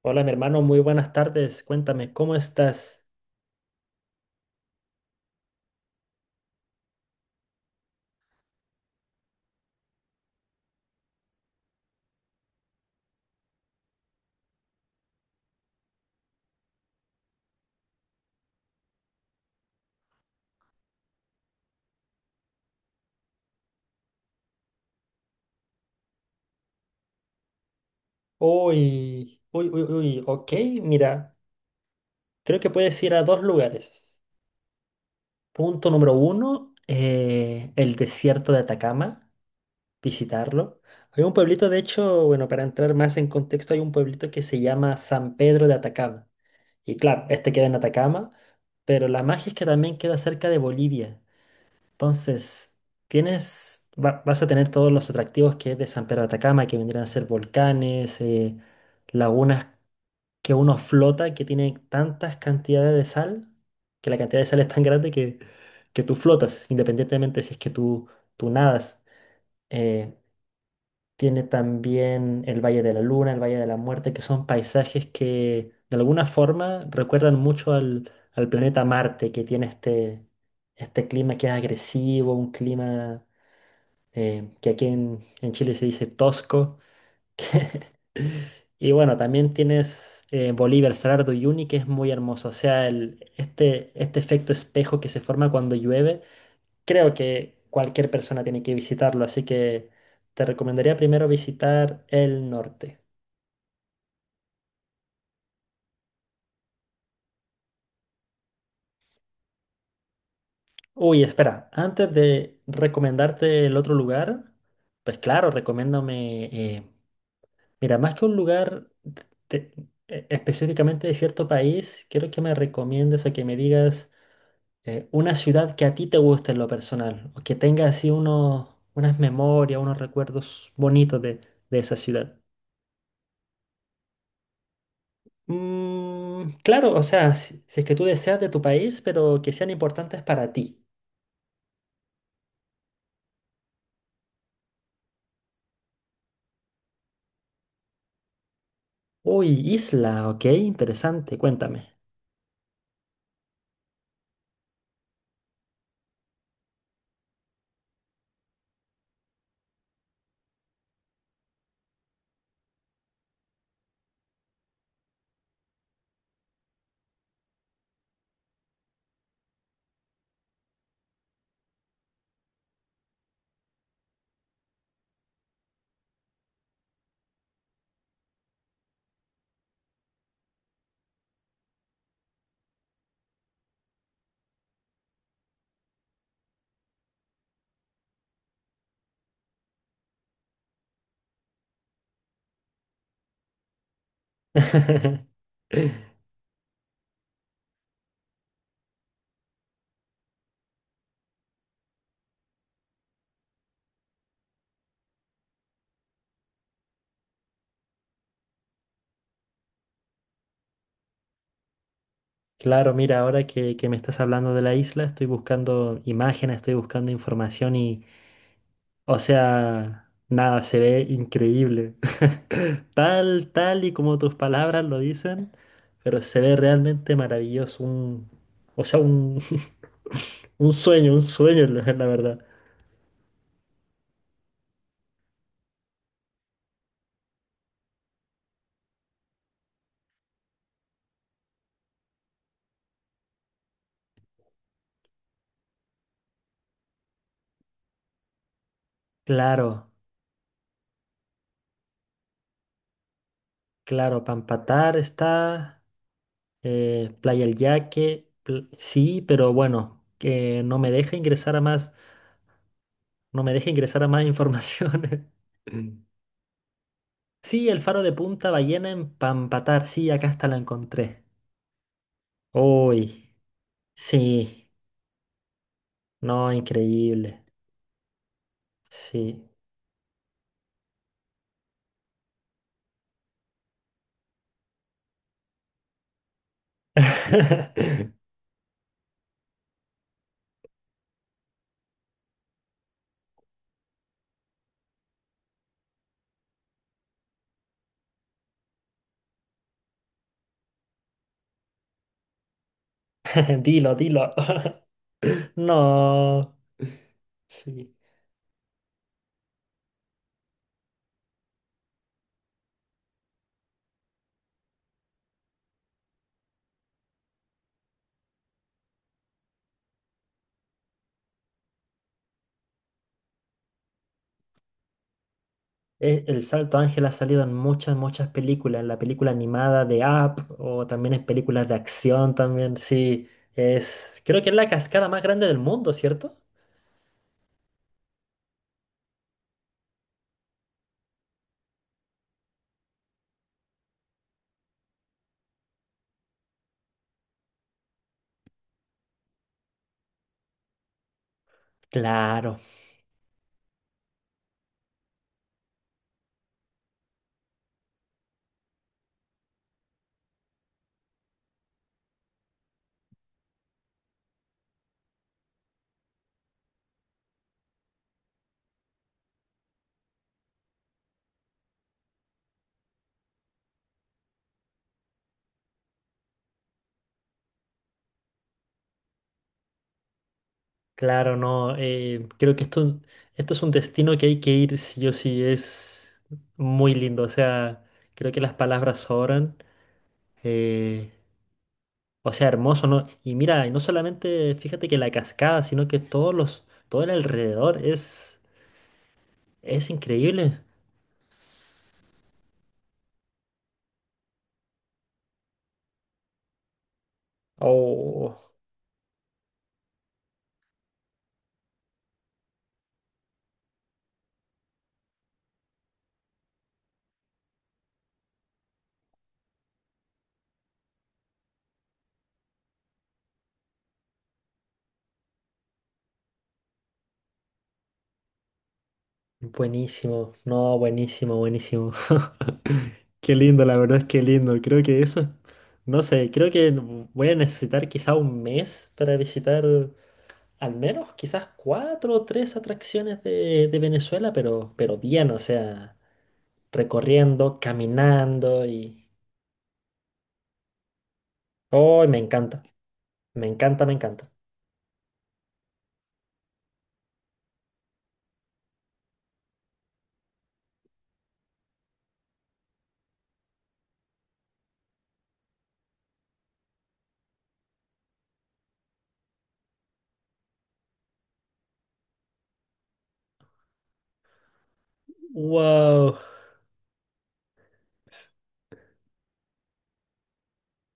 Hola, mi hermano, muy buenas tardes. Cuéntame, ¿cómo estás? Uy, uy, uy, uy, ok, mira, creo que puedes ir a dos lugares. Punto número uno, el desierto de Atacama, visitarlo. Hay un pueblito, de hecho, bueno, para entrar más en contexto, hay un pueblito que se llama San Pedro de Atacama. Y claro, este queda en Atacama, pero la magia es que también queda cerca de Bolivia. Entonces, tienes, vas a tener todos los atractivos que es de San Pedro de Atacama, que vendrían a ser volcanes, lagunas que uno flota, que tiene tantas cantidades de sal, que la cantidad de sal es tan grande que tú flotas, independientemente si es que tú nadas. Eh, Tiene también el Valle de la Luna, el Valle de la Muerte, que son paisajes que de alguna forma recuerdan mucho al planeta Marte, que tiene este clima que es agresivo, un clima que aquí en Chile se dice tosco. Y bueno, también tienes Bolívar, Salar de Uyuni, que es muy hermoso. O sea, este efecto espejo que se forma cuando llueve, creo que cualquier persona tiene que visitarlo. Así que te recomendaría primero visitar el norte. Uy, espera, antes de recomendarte el otro lugar, pues claro, recomiéndame mira, más que un lugar te- específicamente de cierto país, quiero que me recomiendes o que me digas una ciudad que a ti te guste en lo personal o que tenga así unas memorias, unos recuerdos bonitos de esa ciudad. Mm, claro, o sea, si es que tú deseas de tu país, pero que sean importantes para ti. Uy, isla, ok, interesante, cuéntame. Claro, mira, ahora que me estás hablando de la isla, estoy buscando imágenes, estoy buscando información y, o sea, nada, se ve increíble. Tal y como tus palabras lo dicen, pero se ve realmente maravilloso, o sea, un, un sueño, la verdad. Claro, claro, Pampatar está, Playa El Yaque, sí, pero bueno, que no me deja ingresar a más. No me deja ingresar a más información. Sí, el faro de Punta Ballena en Pampatar. Sí, acá hasta la encontré. Uy, sí. No, increíble. Sí. Dilo. No. Sí. El Salto Ángel ha salido en muchas, muchas películas. En la película animada de Up o también en películas de acción también. Sí. Es, creo que es la cascada más grande del mundo, ¿cierto? Claro. Claro, no, creo que esto es un destino que hay que ir sí o sí, es muy lindo, o sea, creo que las palabras sobran, eh, o sea, hermoso, ¿no? Y mira, y no solamente fíjate que la cascada, sino que todo el alrededor es increíble. Oh, buenísimo, no, buenísimo, buenísimo. Qué lindo, la verdad es que lindo, creo que eso, no sé, creo que voy a necesitar quizá un mes para visitar al menos quizás cuatro o tres atracciones de Venezuela, pero bien, o sea, recorriendo, caminando y... ¡Oh, me encanta! Me encanta, me encanta. ¡Wow!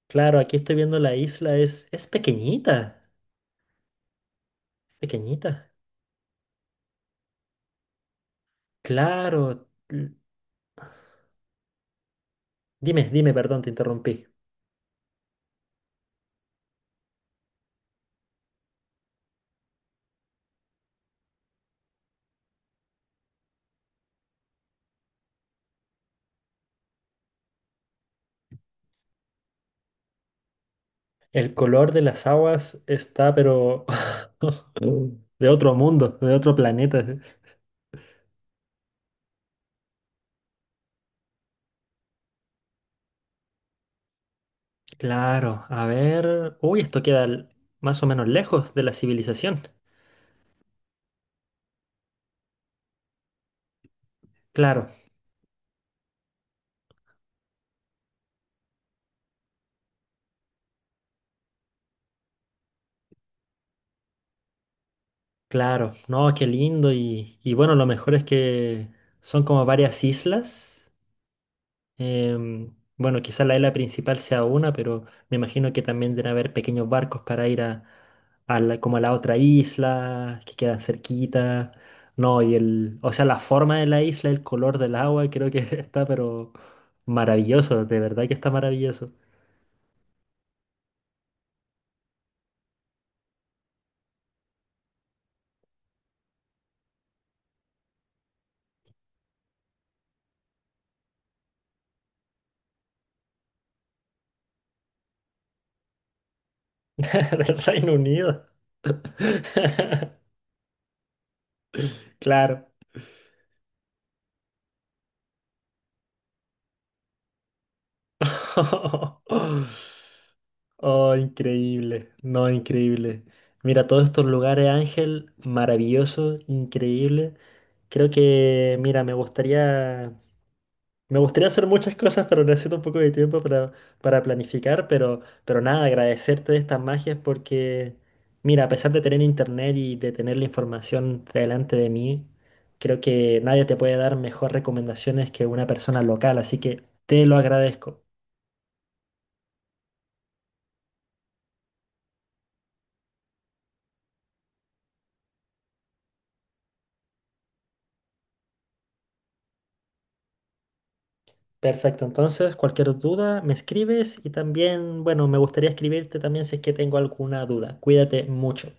Claro, aquí estoy viendo la isla, es pequeñita, pequeñita. Claro. Dime, perdón, te interrumpí. El color de las aguas está, pero... de otro mundo, de otro planeta. Sí. Claro, a ver. Uy, esto queda más o menos lejos de la civilización. Claro, claro. No, qué lindo. Y bueno, lo mejor es que son como varias islas. Em, bueno, quizá la isla principal sea una, pero me imagino que también deben haber pequeños barcos para ir a, como a la otra isla, que quedan cerquita. No, y el, o sea, la forma de la isla, el color del agua, creo que está, pero maravilloso, de verdad que está maravilloso. Del Reino Unido. Claro. Oh, increíble. No, increíble. Mira, todos estos lugares, Ángel, maravilloso, increíble. Creo que, mira, me gustaría me gustaría hacer muchas cosas, pero necesito un poco de tiempo para planificar, pero nada, agradecerte de estas magias porque, mira, a pesar de tener internet y de tener la información delante de mí, creo que nadie te puede dar mejores recomendaciones que una persona local, así que te lo agradezco. Perfecto, entonces cualquier duda me escribes y también, bueno, me gustaría escribirte también si es que tengo alguna duda. Cuídate mucho.